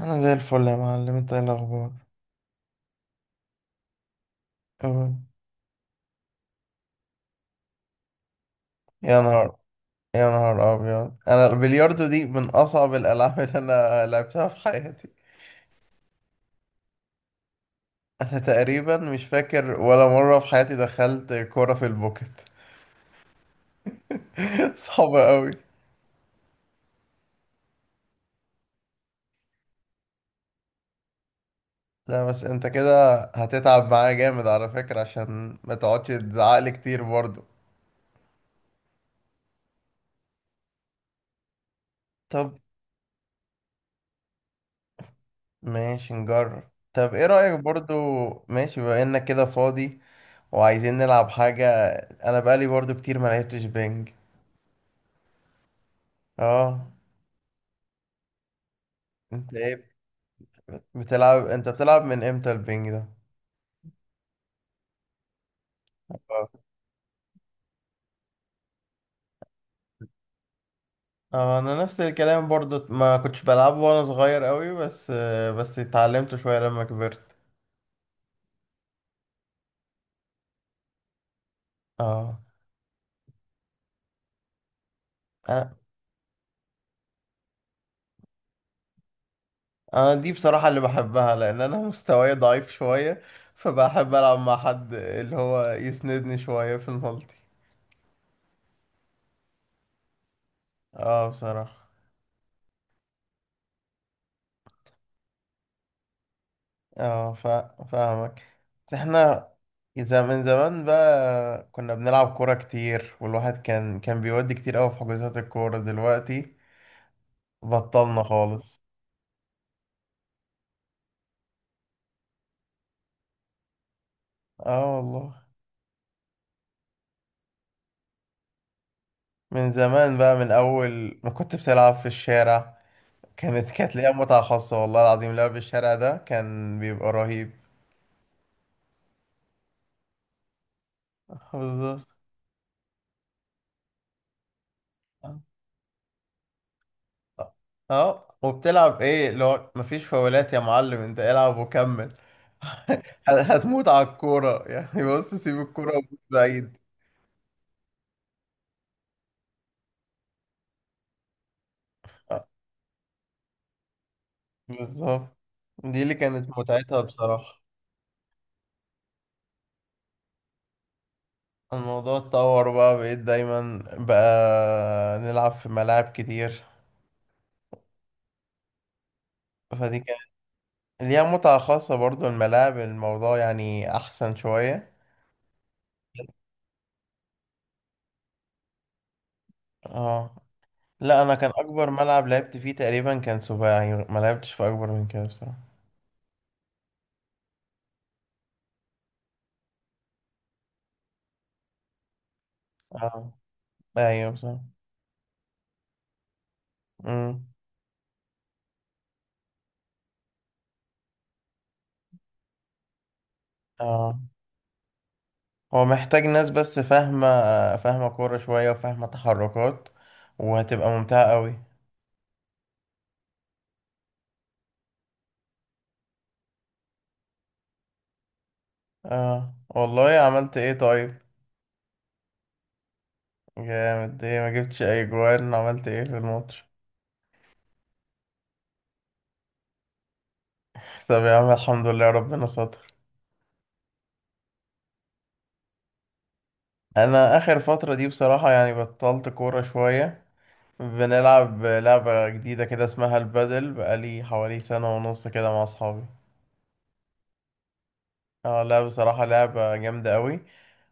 انا زي الفل يا معلم، انت ايه الاخبار؟ تمام. يا نهار، يا نهار ابيض، انا البلياردو دي من اصعب الالعاب اللي انا لعبتها في حياتي. انا تقريبا مش فاكر ولا مره في حياتي دخلت كوره في البوكت. صعبه قوي. لا بس انت كده هتتعب معايا جامد على فكره، عشان ما تقعدش تزعقلي كتير برضو. طب ماشي نجرب. طب ايه رايك برضو؟ ماشي، بما انك كده فاضي وعايزين نلعب حاجه. انا بقالي برضو كتير ما لعبتش بينج. اه. انت ايه؟ بتلعب؟ انت بتلعب من امتى البنج ده؟ اه. انا نفس الكلام برضو، ما كنتش بلعبه وانا صغير قوي، بس بس اتعلمته شوية لما كبرت. اه. انا، أنا دي بصراحة اللي بحبها لان انا مستواي ضعيف شوية، فبحب العب مع حد اللي هو يسندني شوية في المالتي. اه بصراحة. اه فاهمك. بس احنا اذا من زمان بقى كنا بنلعب كورة كتير، والواحد كان بيودي كتير قوي في حجوزات الكورة. دلوقتي بطلنا خالص. اه والله. من زمان بقى، من اول ما كنت بتلعب في الشارع، كانت ليها متعة خاصة، والله العظيم لعب الشارع ده كان بيبقى رهيب. بالظبط. اه، وبتلعب ايه لو مفيش فاولات؟ يا معلم انت العب وكمل. هتموت على الكورة يعني؟ بص سيب الكورة وموت بعيد. آه، بالظبط. دي اللي كانت متعتها بصراحة. الموضوع اتطور بقى، بقيت دايما بقى نلعب في ملاعب كتير. فدي كانت ليها متعة خاصة برضو. الملاعب الموضوع يعني أحسن شوية. اه لا، أنا كان أكبر ملعب لعبت فيه تقريبا كان سباعي، ما لعبتش في أكبر من كده بصراحة. اه ايوه صح. امم. اه، هو محتاج ناس بس فاهمة، فاهمة كورة شوية وفاهمة تحركات، وهتبقى ممتعة قوي. اه والله، عملت ايه طيب؟ جامد، ايه ما جبتش اي جوان؟ عملت ايه في الماتش؟ طب يا عم الحمد لله ربنا ستر. انا اخر فترة دي بصراحة يعني بطلت كورة شوية. بنلعب لعبة جديدة كده اسمها البادل، بقالي حوالي سنة ونص كده مع اصحابي. اه لا بصراحة لعبة جامدة قوي.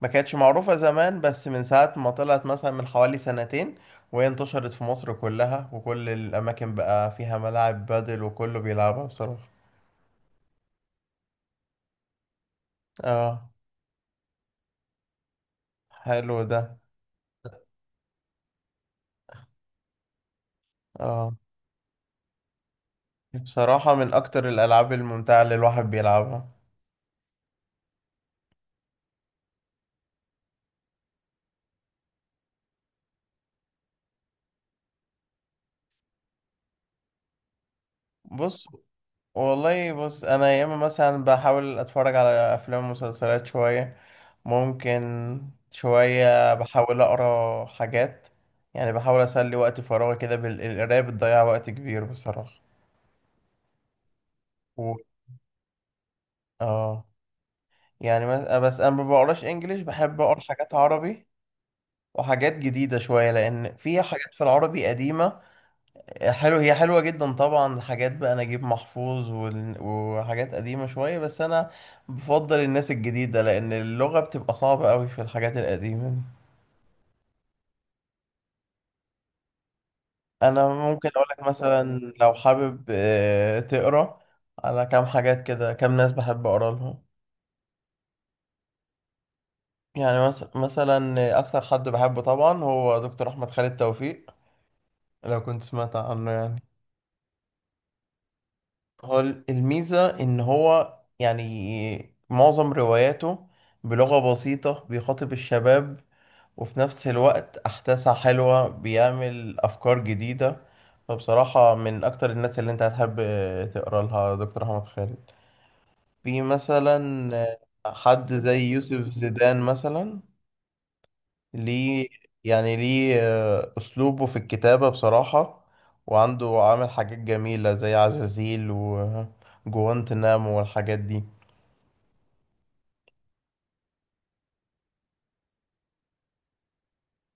ما كانتش معروفة زمان، بس من ساعة ما طلعت مثلا من حوالي سنتين وهي انتشرت في مصر كلها، وكل الأماكن بقى فيها ملاعب بادل وكله بيلعبها بصراحة. اه. حلو ده. اه بصراحة من أكتر الألعاب الممتعة اللي الواحد بيلعبها. بص، والله بص، أنا ياما مثلا بحاول أتفرج على أفلام ومسلسلات شوية، ممكن شوية بحاول أقرأ حاجات. يعني بحاول أسلي وقت فراغي كده بالقراية، بتضيع وقت كبير بصراحة. و... اه. يعني بس انا ما بقراش انجليش، بحب اقرا حاجات عربي وحاجات جديدة شوية، لأن في حاجات في العربي قديمة. حلو، هي حلوة جدا طبعا، حاجات بقى نجيب محفوظ وحاجات قديمة شوية، بس أنا بفضل الناس الجديدة لأن اللغة بتبقى صعبة أوي في الحاجات القديمة دي. أنا ممكن أقولك مثلا لو حابب تقرا على كام حاجات كده، كام ناس بحب أقرا لهم. يعني مثلا أكتر حد بحبه طبعا هو دكتور أحمد خالد توفيق، لو كنت سمعت عنه يعني. هو الميزة إن هو يعني معظم رواياته بلغة بسيطة بيخاطب الشباب، وفي نفس الوقت أحداثها حلوة، بيعمل أفكار جديدة. فبصراحة من أكتر الناس اللي أنت هتحب تقرأ لها دكتور أحمد خالد. في مثلا حد زي يوسف زيدان مثلا. ليه؟ يعني ليه؟ أسلوبه في الكتابة بصراحة، وعنده عامل حاجات جميلة زي عزازيل وجوانتنامو والحاجات دي.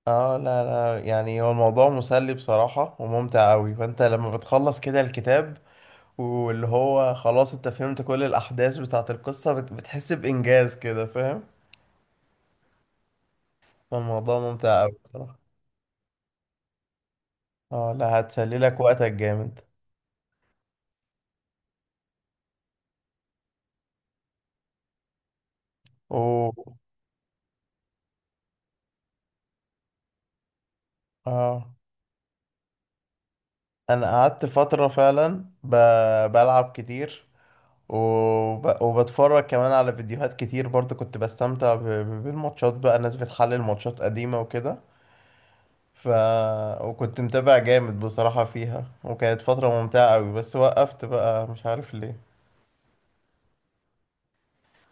اه لا لا، يعني هو الموضوع مسلي بصراحة وممتع أوي، فأنت لما بتخلص كده الكتاب واللي هو خلاص انت فهمت كل الأحداث بتاعة القصة، بتحس بإنجاز كده فاهم. فالموضوع ممتع أوي بصراحة. اه لا، هتسلي لك وقتك جامد. اوه. اه، انا قعدت فترة فعلا بلعب كتير، وبتفرج كمان على فيديوهات كتير، برضه كنت بستمتع بالماتشات بقى، ناس بتحلل ماتشات قديمة وكده. ف، وكنت متابع جامد بصراحة فيها، وكانت فترة ممتعة قوي، بس وقفت بقى مش عارف ليه.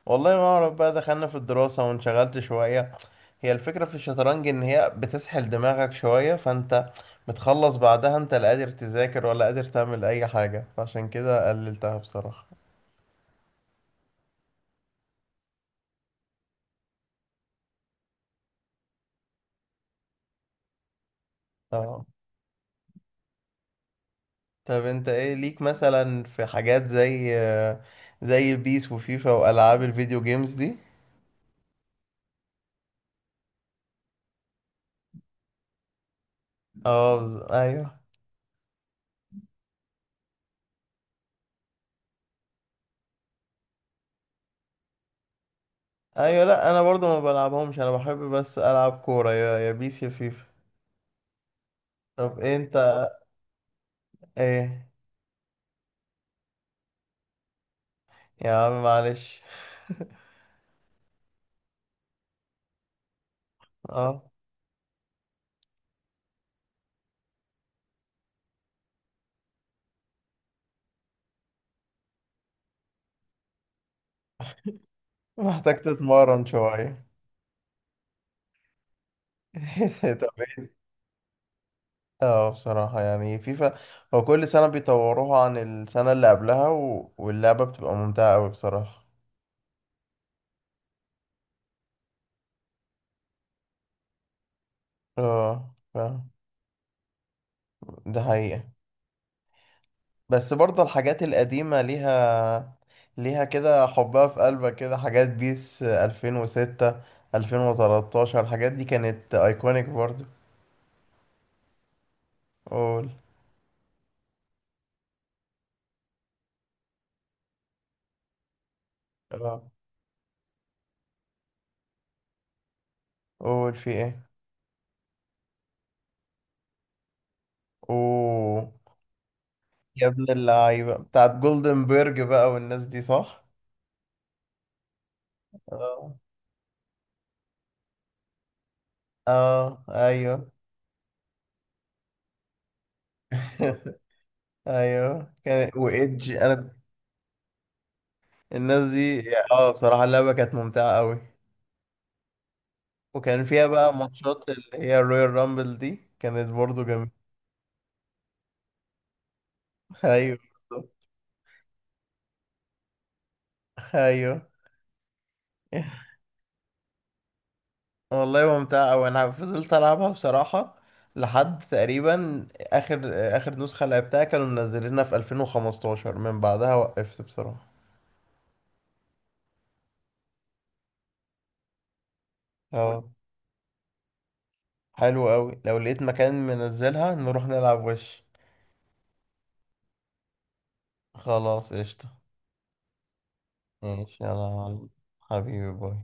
والله ما اعرف بقى، دخلنا في الدراسة وانشغلت شوية. هي الفكرة في الشطرنج ان هي بتسحل دماغك شوية، فانت بتخلص بعدها انت لا قادر تذاكر ولا قادر تعمل اي حاجة، فعشان كده قللتها بصراحة. اه. طب انت ايه ليك مثلا في حاجات زي زي بيس وفيفا والعاب الفيديو جيمز دي؟ اه ايوه. ايوه لا، انا برضو ما بلعبهمش، انا بحب بس العب كوره، يا يا بيس يا فيفا. طب انت ايه؟ يا عم معلش. اه محتاج تتمرن شويه. طب ايه. اه بصراحه، يعني فيفا هو كل سنه بيطوروها عن السنه اللي قبلها، واللعبه بتبقى ممتعه قوي بصراحه. اه فاهم. ده حقيقة. بس برضه الحاجات القديمة ليها، ليها كده حبها في قلبك، كده حاجات بيس 2006، 2013، الحاجات دي كانت ايكونيك برضه. قول. اه قول في ايه. اوه. يا ابن اللعيبة بتاعت جولدن بيرج بقى والناس دي، صح. اه. اه ايوه. ايوه كان وايدج انا، الناس دي. اه بصراحة اللعبة كانت ممتعة قوي. وكان فيها بقى ماتشات اللي هي الرويال رامبل دي، كانت برضه جميلة. ايوه. بالظبط. ايوه. والله ممتعة أوي، أنا فضلت ألعبها بصراحة لحد تقريبا آخر، آخر نسخة لعبتها كانوا منزلينها في 2015، من بعدها وقفت بصراحة. اه. حلو أوي، لو لقيت مكان منزلها نروح نلعب وش. خلاص قشطة. ماشي يلا يا معلم. حبيبي باي.